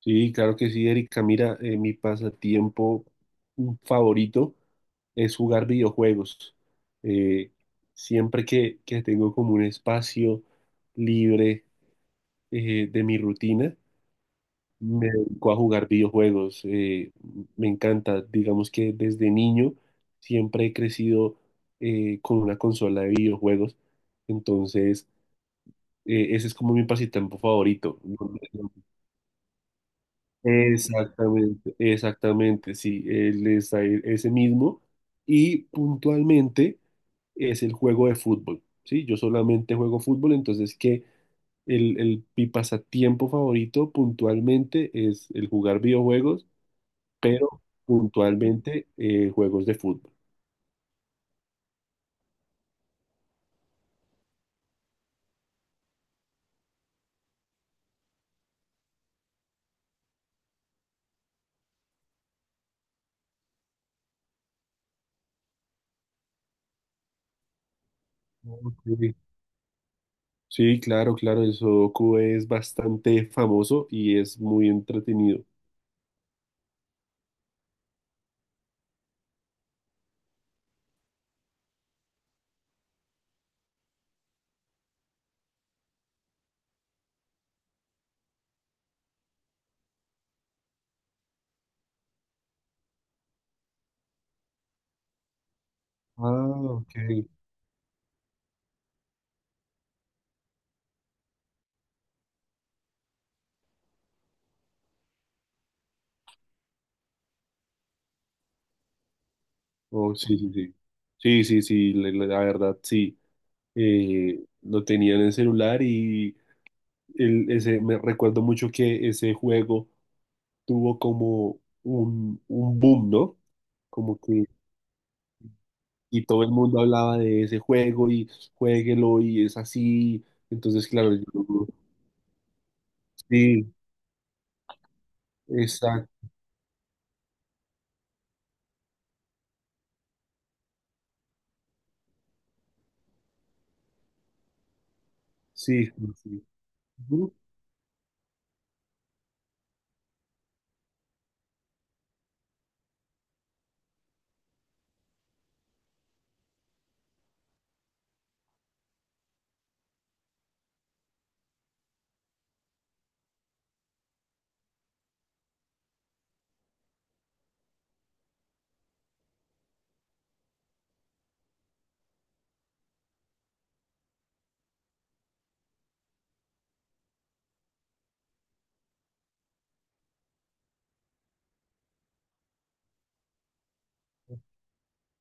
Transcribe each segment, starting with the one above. Sí, claro que sí, Erika. Mira, mi pasatiempo favorito es jugar videojuegos. Eh, siempre que tengo como un espacio libre de mi rutina, me dedico a jugar videojuegos. Me encanta. Digamos que desde niño siempre he crecido con una consola de videojuegos. Entonces, ese es como mi pasatiempo favorito. No, no. Exactamente, exactamente, sí, ese mismo y puntualmente es el juego de fútbol, ¿sí? Yo solamente juego fútbol, entonces que mi pasatiempo favorito puntualmente es el jugar videojuegos, pero puntualmente juegos de fútbol. Ok. Sí, claro, claro, el Sudoku es bastante famoso y es muy entretenido. Ah, ok. Oh, sí, sí, sí. Sí, sí, sí, la verdad, sí. Lo tenían en celular y ese, me recuerdo mucho que ese juego tuvo como un boom, ¿no? Como que, y todo el mundo hablaba de ese juego y juéguelo y es así. Entonces, claro, yo- sí, exacto, sí, sí. Sí. Ujú.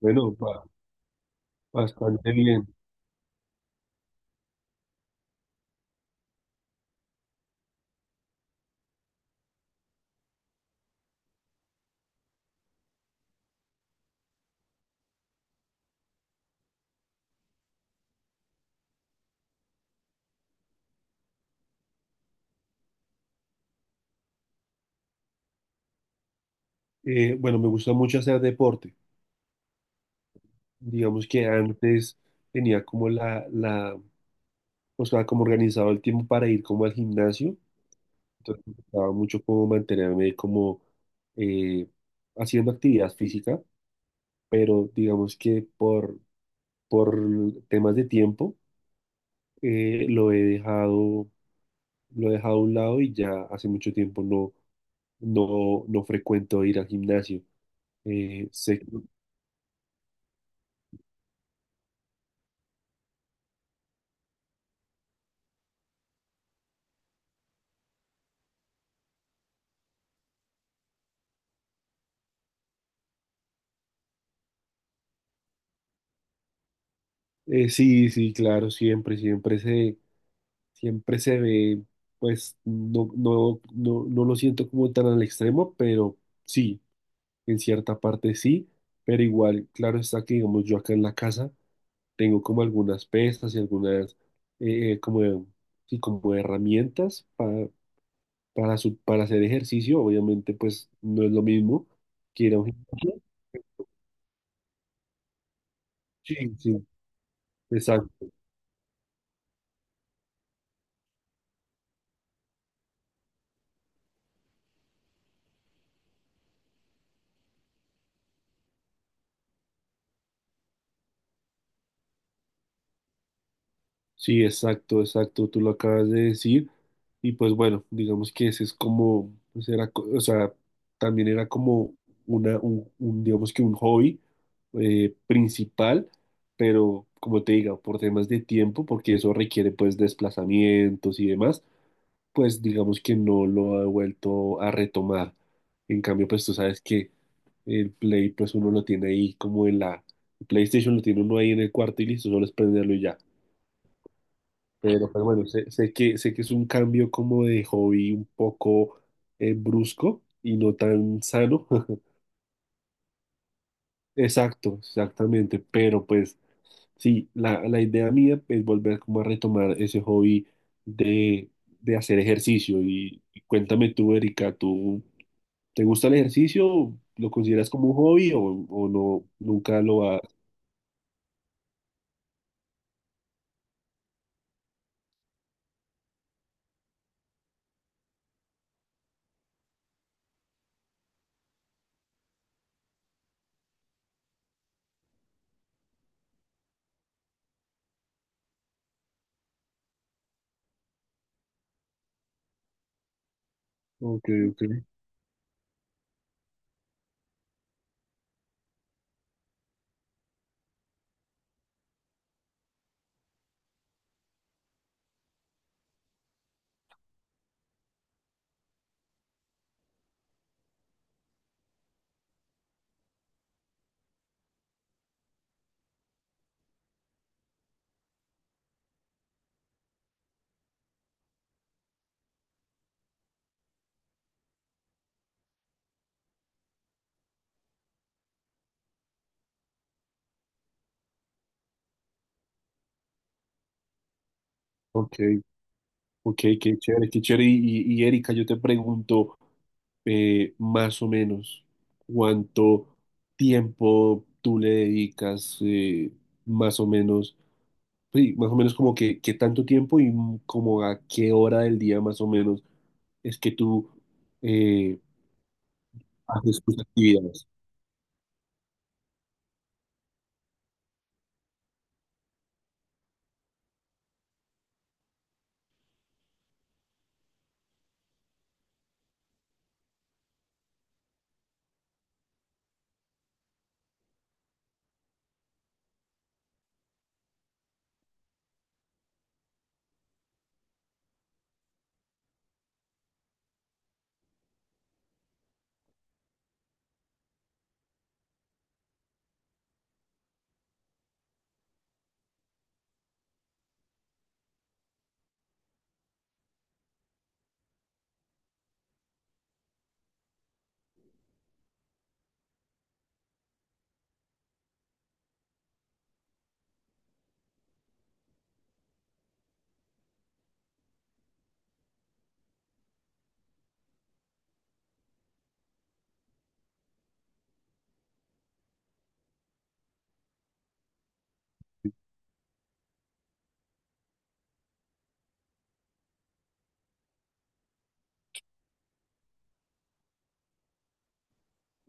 Bueno, bastante bien. Bueno, me gusta mucho hacer deporte. Digamos que antes tenía como o sea, como organizado el tiempo para ir como al gimnasio. Entonces me gustaba mucho como mantenerme como eh, haciendo actividad física, pero digamos que por temas de tiempo eh, lo he dejado, lo he dejado a un lado y ya hace mucho tiempo no, no, no frecuento ir al gimnasio. Eh, sé- sí, sí, claro, siempre se ve, pues no lo siento como tan al extremo, pero sí. En cierta parte sí, pero igual, claro está que, digamos, yo acá en la casa tengo como algunas pestas y algunas, como, sí, como herramientas para hacer ejercicio. Obviamente, pues no es lo mismo que ir a un gimnasio. Sí, sí, exacto. Sí, exacto, exacto, tú lo acabas de decir. Y pues bueno, digamos que ese es como, pues era, o sea, también era como digamos que un hobby principal, pero como te digo, por temas de tiempo, porque eso requiere pues desplazamientos y demás, pues digamos que no lo he vuelto a retomar. En cambio, pues tú sabes que el Play, pues uno lo tiene ahí como en la, el PlayStation lo tiene uno ahí en el cuarto y listo, solo es prenderlo y ya. Pero bueno, sé que es un cambio como de hobby un poco brusco y no tan sano. Exacto, exactamente. Pero pues sí, la idea mía es volver como a retomar ese hobby de, de hacer ejercicio. Y cuéntame tú, Erika, ¿tú te gusta el ejercicio? ¿Lo consideras como un hobby o no, nunca lo has? Ok, ok, ok, ok, qué chévere, qué chévere. Y, Erika, yo te pregunto. Más o menos cuánto tiempo tú le dedicas, más o menos, sí, más o menos como que, qué tanto tiempo y como a qué hora del día más o menos es que tú eh, haces tus actividades.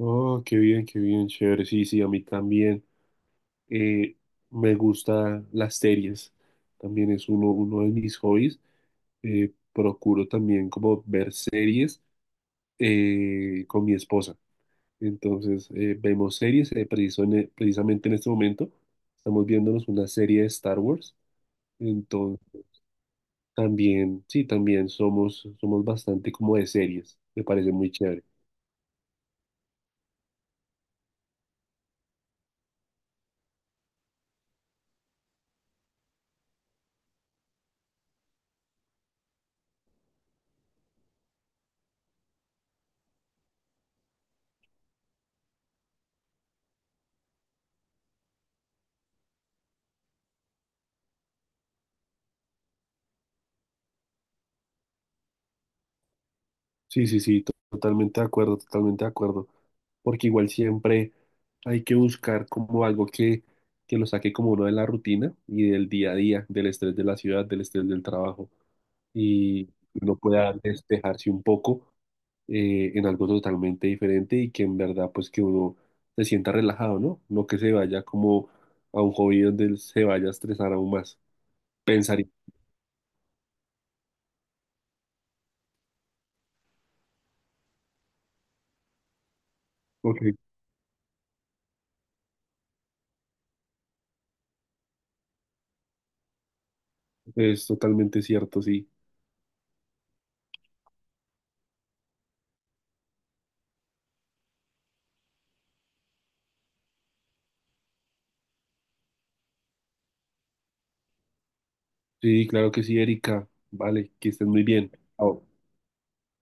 Oh, qué bien, chévere. Sí, sí, a mí también eh, me gustan las series. También es uno, uno de mis hobbies. Procuro también como ver series con mi esposa. Entonces, vemos series, precisamente en este momento estamos viéndonos una serie de Star Wars. Entonces, también, sí, también somos, somos bastante como de series. Me parece muy chévere. Sí, sí, sí, totalmente de acuerdo, totalmente de acuerdo. Porque igual siempre hay que buscar como algo que lo saque como uno de la rutina y del día a día, del estrés de la ciudad, del estrés del trabajo. Y uno pueda despejarse un poco en algo totalmente diferente y que en verdad pues que uno se sienta relajado, ¿no? No que se vaya como a un hobby donde él se vaya a estresar aún más. Pensaría. Ok, es totalmente cierto, sí. Sí, claro que sí, Erika. Vale, que estés muy bien. Chao.